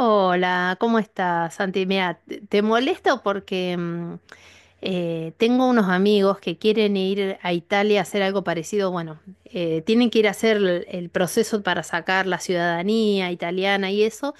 Hola, ¿cómo estás, Santi? Mira, te molesto porque tengo unos amigos que quieren ir a Italia a hacer algo parecido. Bueno, tienen que ir a hacer el proceso para sacar la ciudadanía italiana y eso.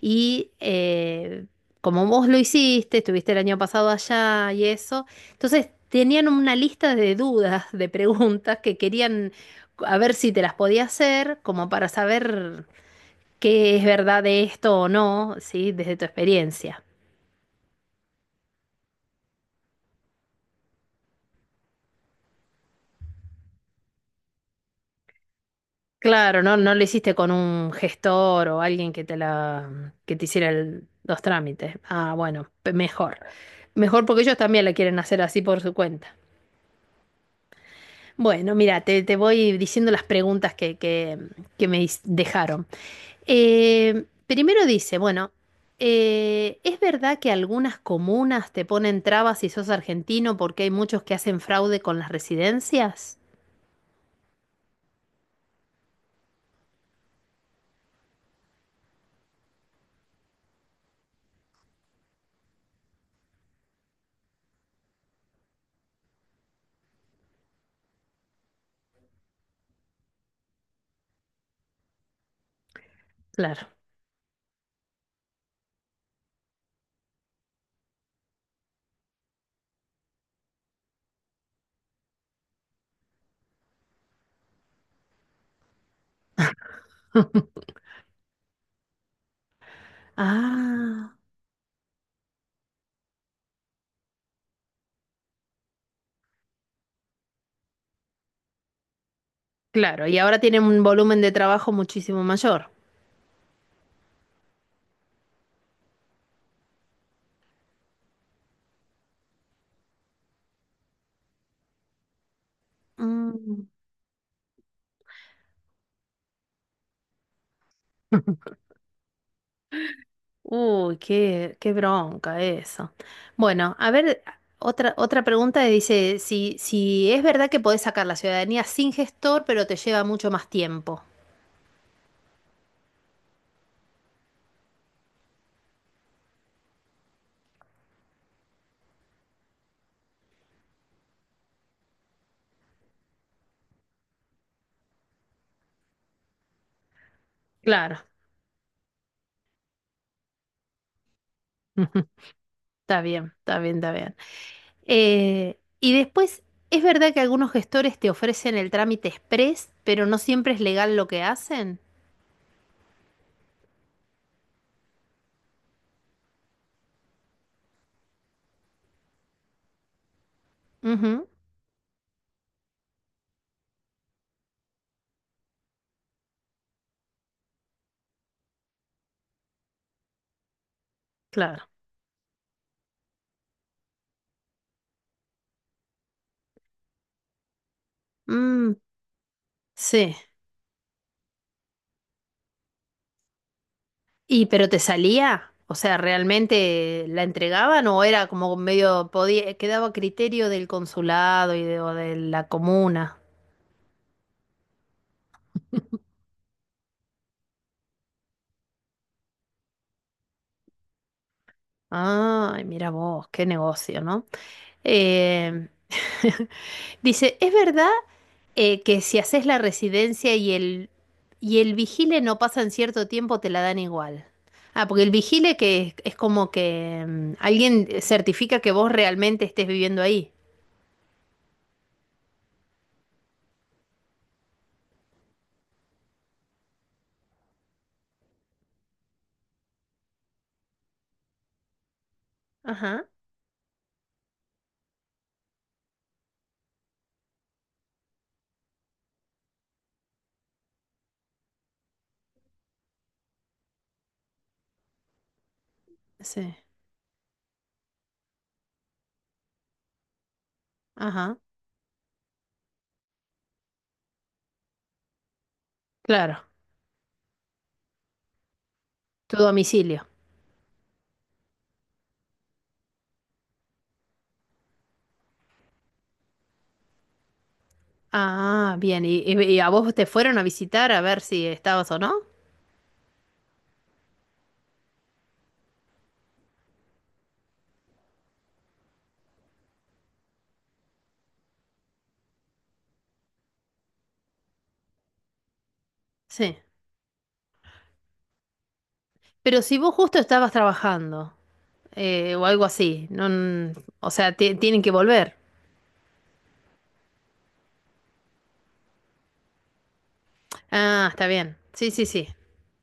Y eh, Como vos lo hiciste, estuviste el año pasado allá y eso, entonces tenían una lista de dudas, de preguntas que querían a ver si te las podía hacer, como para saber qué es verdad de esto o no, ¿sí? Desde tu experiencia. Claro, no, no lo hiciste con un gestor o alguien que te la, que te hiciera los trámites. Ah, bueno, mejor. Mejor porque ellos también la quieren hacer así por su cuenta. Bueno, mira, te voy diciendo las preguntas que dejaron. Primero dice, bueno, ¿es verdad que algunas comunas te ponen trabas si sos argentino porque hay muchos que hacen fraude con las residencias? Claro. Ah, claro, y ahora tienen un volumen de trabajo muchísimo mayor. Mm. Uy, qué, qué bronca eso. Bueno, a ver, otra pregunta dice, si es verdad que podés sacar la ciudadanía sin gestor, pero te lleva mucho más tiempo. Claro. Está bien, está bien, está bien. Eh, y después, ¿Es verdad que algunos gestores te ofrecen el trámite express, pero no siempre es legal lo que hacen? Ujú, claro. Mm, sí. ¿Y pero te salía? O sea, ¿realmente la entregaban o era como medio podía, quedaba a criterio del consulado y de, o de la comuna? Ay, mira vos, qué negocio, ¿no? Eh, dice, ¿es verdad que si haces la residencia y el vigile no pasan cierto tiempo, te la dan igual? Ah, porque el vigile que es como que alguien certifica que vos realmente estés viviendo ahí. Ajá, sí, ajá. Claro, tu domicilio. Ah, bien. ¿Y, y a vos te fueron a visitar a ver si estabas o no? Sí. Pero si vos justo estabas trabajando o algo así, no, n- o sea, tienen que volver. Ah, está bien. Sí, sí, sí.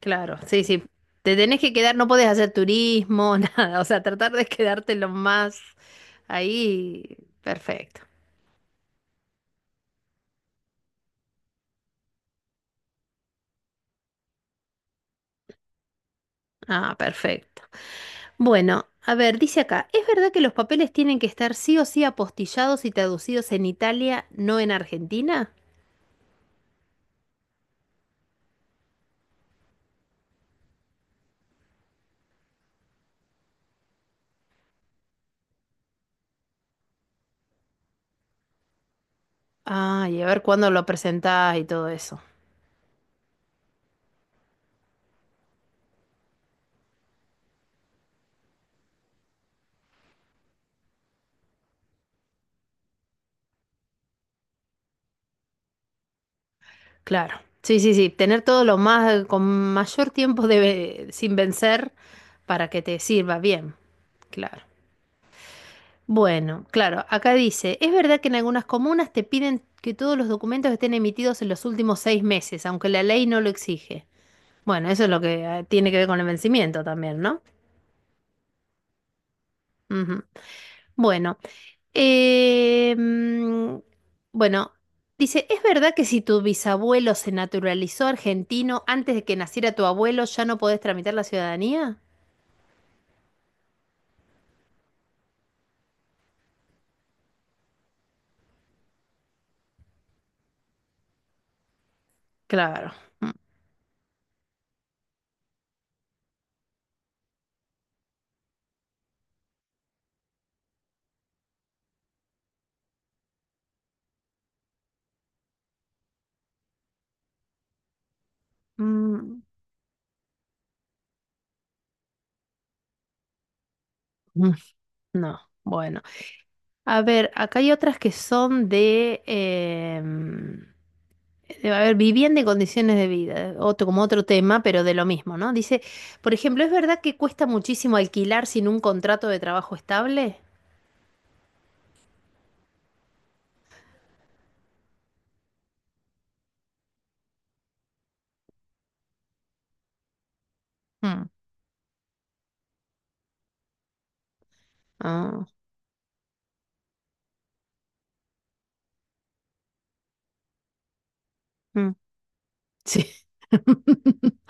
Claro, sí, sí. Te tenés que quedar, no podés hacer turismo, nada. O sea, tratar de quedarte lo más ahí. Perfecto. Ah, perfecto. Bueno, a ver, dice acá, ¿es verdad que los papeles tienen que estar sí o sí apostillados y traducidos en Italia, no en Argentina? Ah, y a ver cuándo lo presentás y todo eso. Claro. Sí, sí, sí, tener todo lo más, con mayor tiempo de, sin vencer para que te sirva bien. Claro. Bueno, claro, acá dice, ¿es verdad que en algunas comunas te piden que todos los documentos estén emitidos en los últimos seis meses, aunque la ley no lo exige? Bueno, eso es lo que tiene que ver con el vencimiento también, ¿no? Ujú. Bueno, eh, mm, bueno, dice, ¿es verdad que si tu bisabuelo se naturalizó argentino antes de que naciera tu abuelo, ya no podés tramitar la ciudadanía? Claro. Mm, mm, mm, no, bueno. A ver, acá hay otras que son de, a ver, vivienda y condiciones de vida, otro, como otro tema, pero de lo mismo, ¿no? Dice, por ejemplo, ¿es verdad que cuesta muchísimo alquilar sin un contrato de trabajo estable? Mm. Ah, mm. Sí,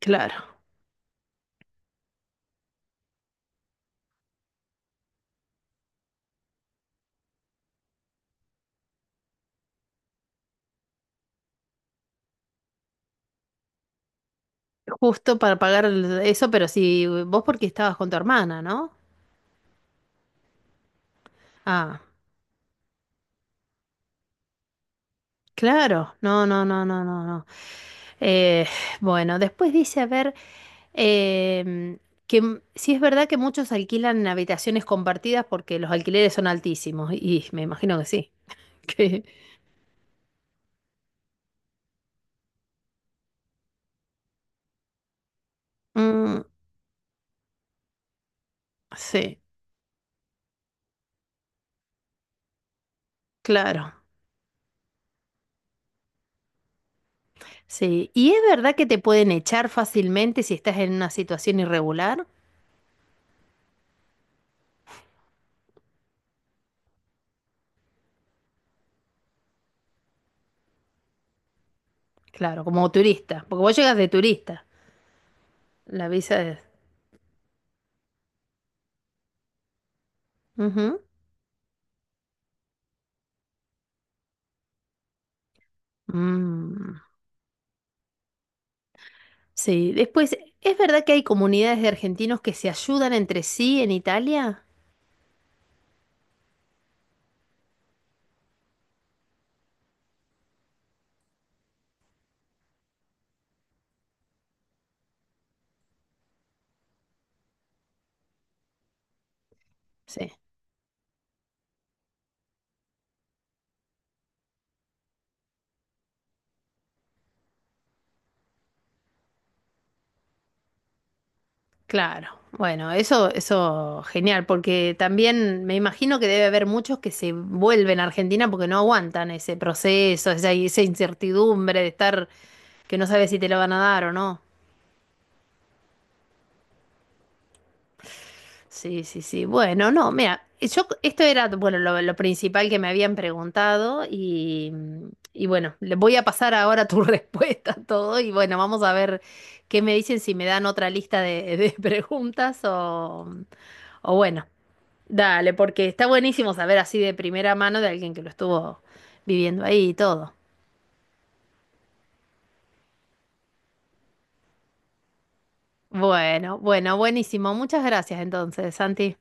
claro. Justo para pagar eso, pero si vos porque estabas con tu hermana, ¿no? Ah, claro. No, no, no, no, no, no. Eh, bueno, después dice, a ver, em, sí es verdad que muchos alquilan habitaciones compartidas porque los alquileres son altísimos, y me imagino que sí. Que, mm, sí, claro. Sí. ¿Y es verdad que te pueden echar fácilmente si estás en una situación irregular? Claro, como turista, porque vos llegas de turista. La visa es. Ujú. Mm, sí, después, ¿es verdad que hay comunidades de argentinos que se ayudan entre sí en Italia? Sí, claro. Bueno, eso genial, porque también me imagino que debe haber muchos que se vuelven a Argentina porque no aguantan ese proceso, esa incertidumbre de estar que no sabes si te lo van a dar o no. Sí, sí, sí. Bueno, no, mira, yo esto era, bueno, lo principal que me habían preguntado y bueno, le voy a pasar ahora tu respuesta a todo y bueno, vamos a ver qué me dicen si me dan otra lista de preguntas o bueno, dale, porque está buenísimo saber así de primera mano de alguien que lo estuvo viviendo ahí y todo. Bueno, bueno, buenísimo. Muchas gracias entonces, Santi.